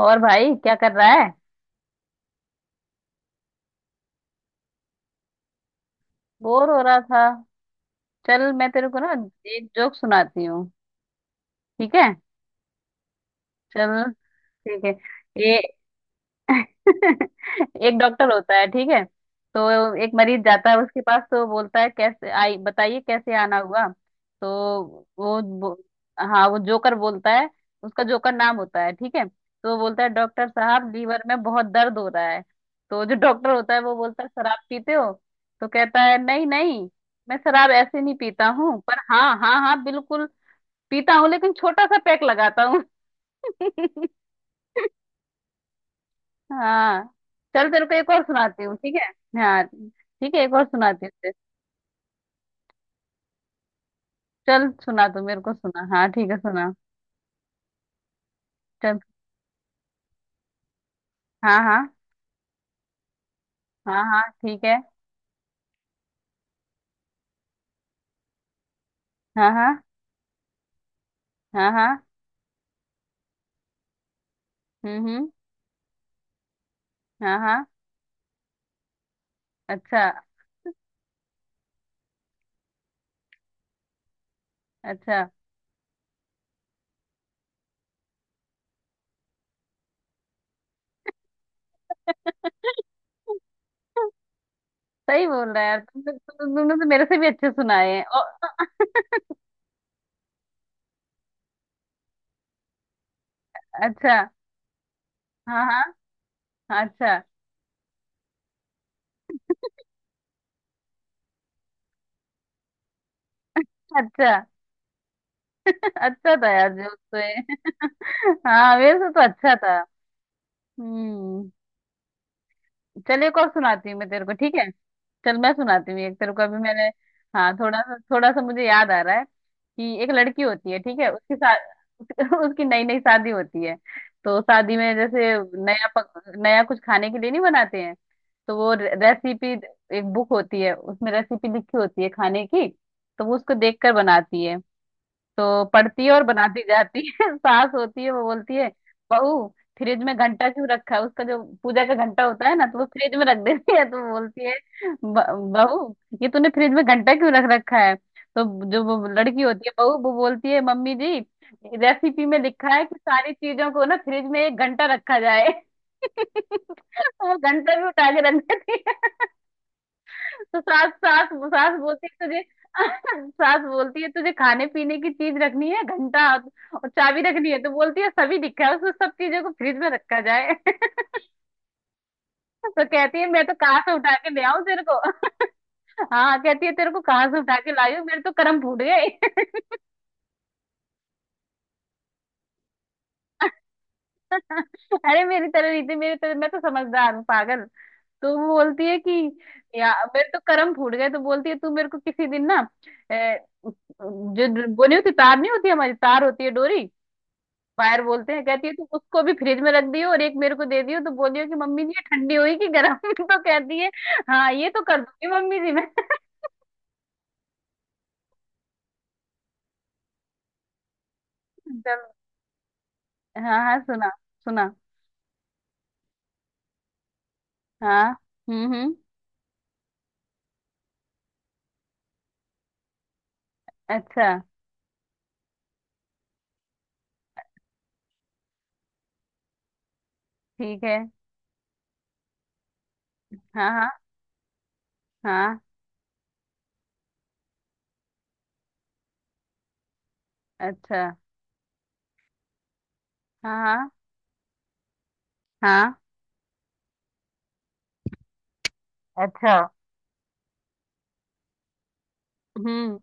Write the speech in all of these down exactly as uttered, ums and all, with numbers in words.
और भाई क्या कर रहा है। बोर हो रहा था। चल मैं तेरे को ना एक जोक सुनाती हूँ, ठीक है। चल ठीक है ये एक डॉक्टर होता है ठीक है। तो एक मरीज जाता है उसके पास, तो बोलता है कैसे आई बताइए कैसे आना हुआ। तो वो बो- हाँ वो जोकर बोलता है। उसका जोकर नाम होता है ठीक है, तो वो बोलता है डॉक्टर साहब लीवर में बहुत दर्द हो रहा है। तो जो डॉक्टर होता है वो बोलता है शराब पीते हो। तो कहता है नहीं नहीं, मैं शराब ऐसे नहीं पीता हूँ, पर हाँ हाँ हाँ बिल्कुल पीता हूँ, लेकिन छोटा सा पैक लगाता हूँ हाँ। चल तेरे को एक और सुनाती हूँ, ठीक है। हाँ ठीक है, एक और सुनाती हूँ तेरे- चल सुना, तू मेरे को सुना, हाँ ठीक है सुना। चल। हाँ हाँ। हाँ हाँ ठीक है। हाँ हाँ। हाँ हाँ। हम्म हम्म। हाँ हाँ। अच्छा। अच्छा। सही बोल रहा है यार। तुम तुम- तुमने तो मेरे से भी अच्छे सुनाए हैं। ओ, अच्छा। हाँ हाँ। अच्छा। अच्छा। अच्छा था यार जो तो है। हाँ मेरे से तो अच्छा था। हम्म। चल एक और सुनाती हूँ मैं तेरे को, ठीक है। चल मैं सुनाती हूँ एक तेरे को, अभी मैंने, हाँ, थोड़ा सा थोड़ा सा मुझे याद आ रहा है कि एक लड़की होती है ठीक है, उसकी साथ उसकी नई नई शादी होती है। तो शादी में जैसे नया पक, नया कुछ खाने के लिए नहीं बनाते हैं। तो वो रे- रेसिपी, एक बुक होती है उसमें रेसिपी लिखी होती है खाने की। तो वो उसको देख कर बनाती है। तो पड़ती है और बनाती जाती है सास होती है वो बोलती है बहू फ्रिज में घंटा क्यों रखा है। उसका जो पूजा का घंटा होता है ना तो वो फ्रिज में रख देती है तो बोलती है "ब- बहू ये तूने फ्रिज में घंटा क्यों रख रखा है। तो जो वो लड़की होती है बहू, वो बोलती है मम्मी जी रेसिपी में लिखा है कि सारी चीजों को ना फ्रिज में एक घंटा रखा जाए वो घंटा भी उठा के रख देती है। तो सास सास सास बोलती है तुझे सास बोलती है तुझे खाने पीने की चीज रखनी है, घंटा और चाबी रखनी है। तो बोलती है सभी दिखा है उसको सब चीजों को फ्रिज में रखा जाए तो कहती है मैं तो कहाँ से उठा के ले आऊं तेरे को हाँ कहती है तेरे को कहाँ से उठा के लाई हूं, मेरे तो कर्म फूट गए अरे मेरी तरह रीति, मेरी तरह मैं तो समझदार हूँ पागल। तो वो बोलती है कि या मेरे तो कर्म फूट गए। तो बोलती है तू मेरे को किसी दिन ना अ, जो वो नहीं होती तार, नहीं होती हमारी तार होती है डोरी, फायर बोलते हैं, कहती है तुम उसको भी फ्रिज में रख दियो और एक मेरे को दे दियो तो बोलियो कि मम्मी जी ये ठंडी हुई कि गर्म तो कहती है हाँ ये तो कर दूंगी मम्मी जी मैं चलो। हाँ हाँ सुना सुना। हाँ। हम्म हम्म। अच्छा। ठीक है। हाँ हाँ हाँ। अच्छा। हाँ हाँ हाँ। अच्छा। हम्म।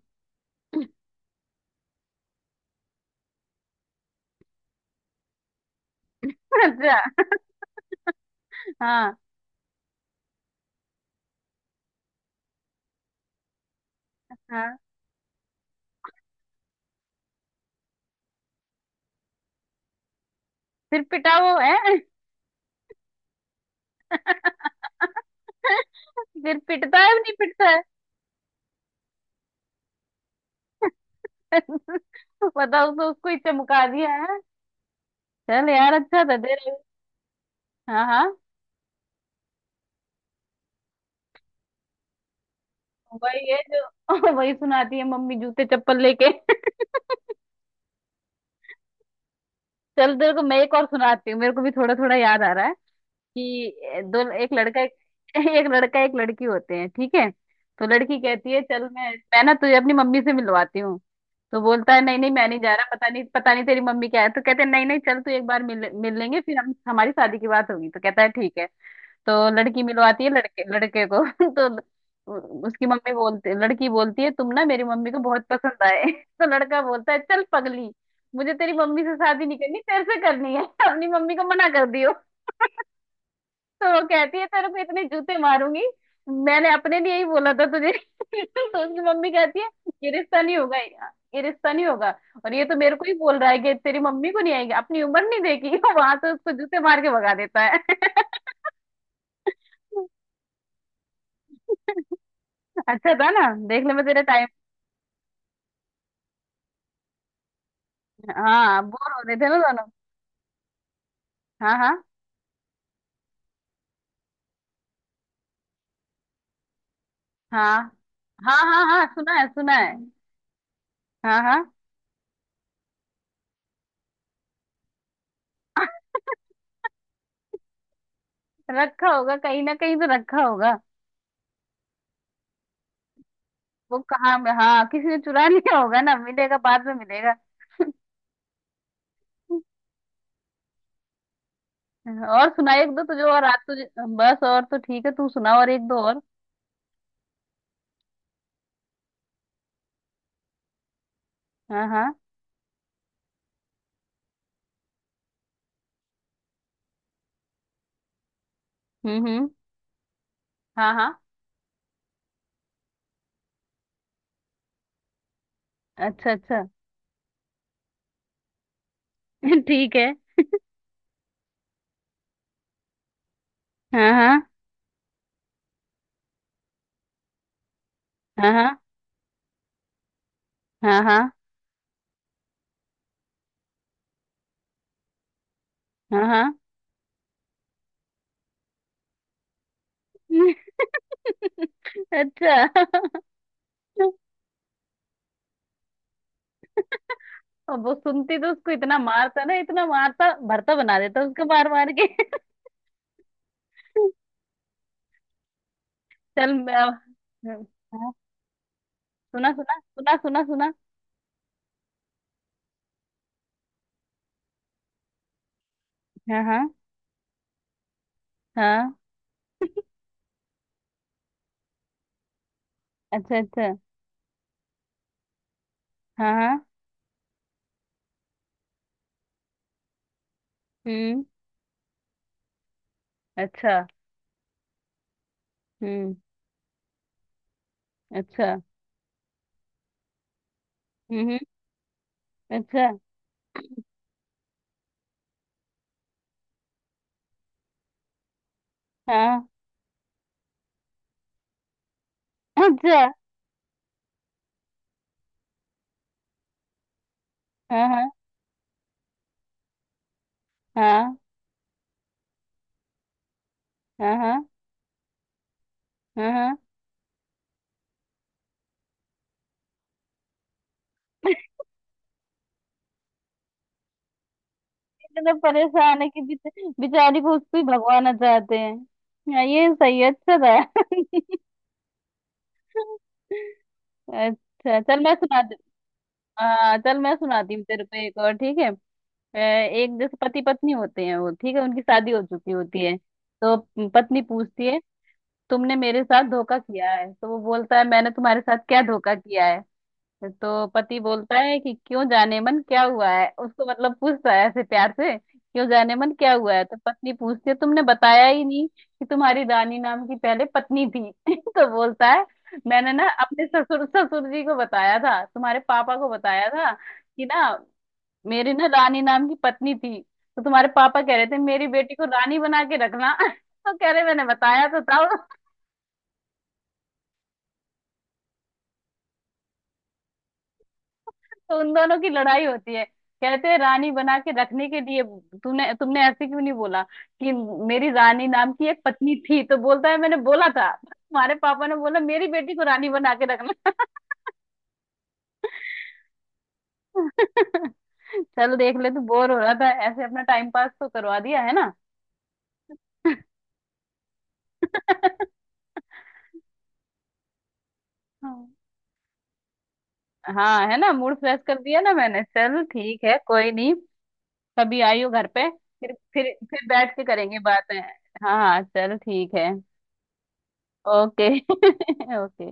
अच्छा। हाँ हाँ। फिर पिटा वो है। फिर पिटता है नहीं पिटता है। बताओ तो उसको ही चमका दिया है। चल यार अच्छा था दे रहे। हाँ हाँ। वही है जो वही सुनाती है मम्मी जूते चप्पल लेके। चल तेरे को मैं एक और सुनाती हूँ, मेरे को भी थोड़ा थोड़ा याद आ रहा है कि दो एक लड़का एक, एक लड़का एक लड़की होते हैं ठीक है। तो लड़की कहती है चल मैं मैं ना तुझे अपनी मम्मी से मिलवाती हूँ। तो बोलता है नहीं नहीं मैं नहीं जा रहा, पता नहीं पता नहीं तेरी मम्मी क्या है। तो कहते हैं नहीं नहीं चल तू एक बार मिल मिल लेंगे फिर हम हमारी शादी की बात होगी। तो कहता है ठीक है। तो लड़की मिलवाती है लड़के लड़के को तो ल- उसकी मम्मी बोलती, लड़की बोलती है तुम ना मेरी मम्मी को बहुत पसंद आए तो लड़का बोलता है चल पगली मुझे तेरी मम्मी से शादी नहीं करनी, तेरे से करनी है अपनी मम्मी को मना कर दियो तो वो कहती है तेरे को इतने जूते मारूंगी, मैंने अपने लिए ही बोला था तुझे तो उसकी मम्मी कहती है ये रिश्ता नहीं होगा, ये रिश्ता नहीं होगा, और ये तो मेरे को ही बोल रहा है कि तेरी मम्मी को नहीं आएगी, अपनी उम्र नहीं देखी वहां से उसको जूते मार के भगा देता है अच्छा था ना। देख ले मैं तेरा टाइम, हाँ बोर हो रहे थे ना दोनों। हाँ हाँ। हाँ हाँ। हाँ हाँ सुना है सुना है। हाँ हाँ। रखा होगा, कहीं ना कहीं तो रखा होगा। वो कहाँ में हाँ किसी ने चुरा लिया होगा, ना मिलेगा बाद में मिलेगा। और सुना एक दो तुझे और आज तुझे, बस, और तो ठीक है तू सुना और एक दो और। हाँ हाँ। हम्म हम्म। हाँ हाँ। अच्छा। अच्छा। ठीक है। हाँ हाँ हाँ। हाँ हाँ हाँ। हाँ हाँ। अच्छा। और वो सुनती तो उसको इतना मारता ना, इतना मारता भरता बना देता उसको मार मार के। चल मैं अब- हाँ हाँ, सुना सुना सुना सुना सुना। हाँ हाँ हाँ। अच्छा। अच्छा। हाँ हाँ। हम्म। अच्छा। हम्म। अच्छा। हम्म हम्म, अच्छा। हाँ। अच्छा। हाँ हाँ। हाँ हाँ। हाँ हाँ। हाँ। इतना परेशान है कि बेच- बेचारी को उसको ही भगवाना चाहते हैं। हाँ, ये सही है, अच्छा था। अच्छा चल मैं सुनाती, हाँ चल मैं सुनाती हूँ तेरे को एक और, ठीक है। अ, एक जैसे पति पत्नी होते हैं वो ठीक है, उनकी शादी हो चुकी होती है। तो पत्नी पूछती है तुमने मेरे साथ धोखा किया है। तो वो बोलता है मैंने तुम्हारे साथ क्या धोखा किया है। तो पति बोलता है कि क्यों जाने मन क्या हुआ है, उसको मतलब पूछता है ऐसे प्यार से, क्यों जाने मन क्या हुआ है। तो पत्नी पूछती है तुमने बताया ही नहीं कि तुम्हारी रानी नाम की पहले पत्नी थी तो बोलता है मैंने ना अपने ससुर ससुर जी को बताया था, तुम्हारे पापा को बताया था कि ना मेरी ना रानी नाम की पत्नी थी, तो तुम्हारे पापा कह रहे थे मेरी बेटी को रानी बना के रखना तो कह रहे मैंने बताया तो था तो उन दोनों की लड़ाई होती है, कहते हैं रानी बना के रखने के लिए तूने तुमने ऐसे क्यों नहीं बोला कि मेरी रानी नाम की एक पत्नी थी। तो बोलता है मैंने बोला था, तुम्हारे पापा ने बोला मेरी बेटी को रानी बना के रखना चल देख ले तू बोर हो रहा था, ऐसे अपना टाइम पास तो करवा दिया है ना। हाँ है ना, मूड फ्रेश कर दिया ना मैंने। चल ठीक है कोई नहीं, कभी आई हो घर पे फिर फिर फिर बैठ के करेंगे बातें। हाँ हाँ चल ठीक है। Okay okay.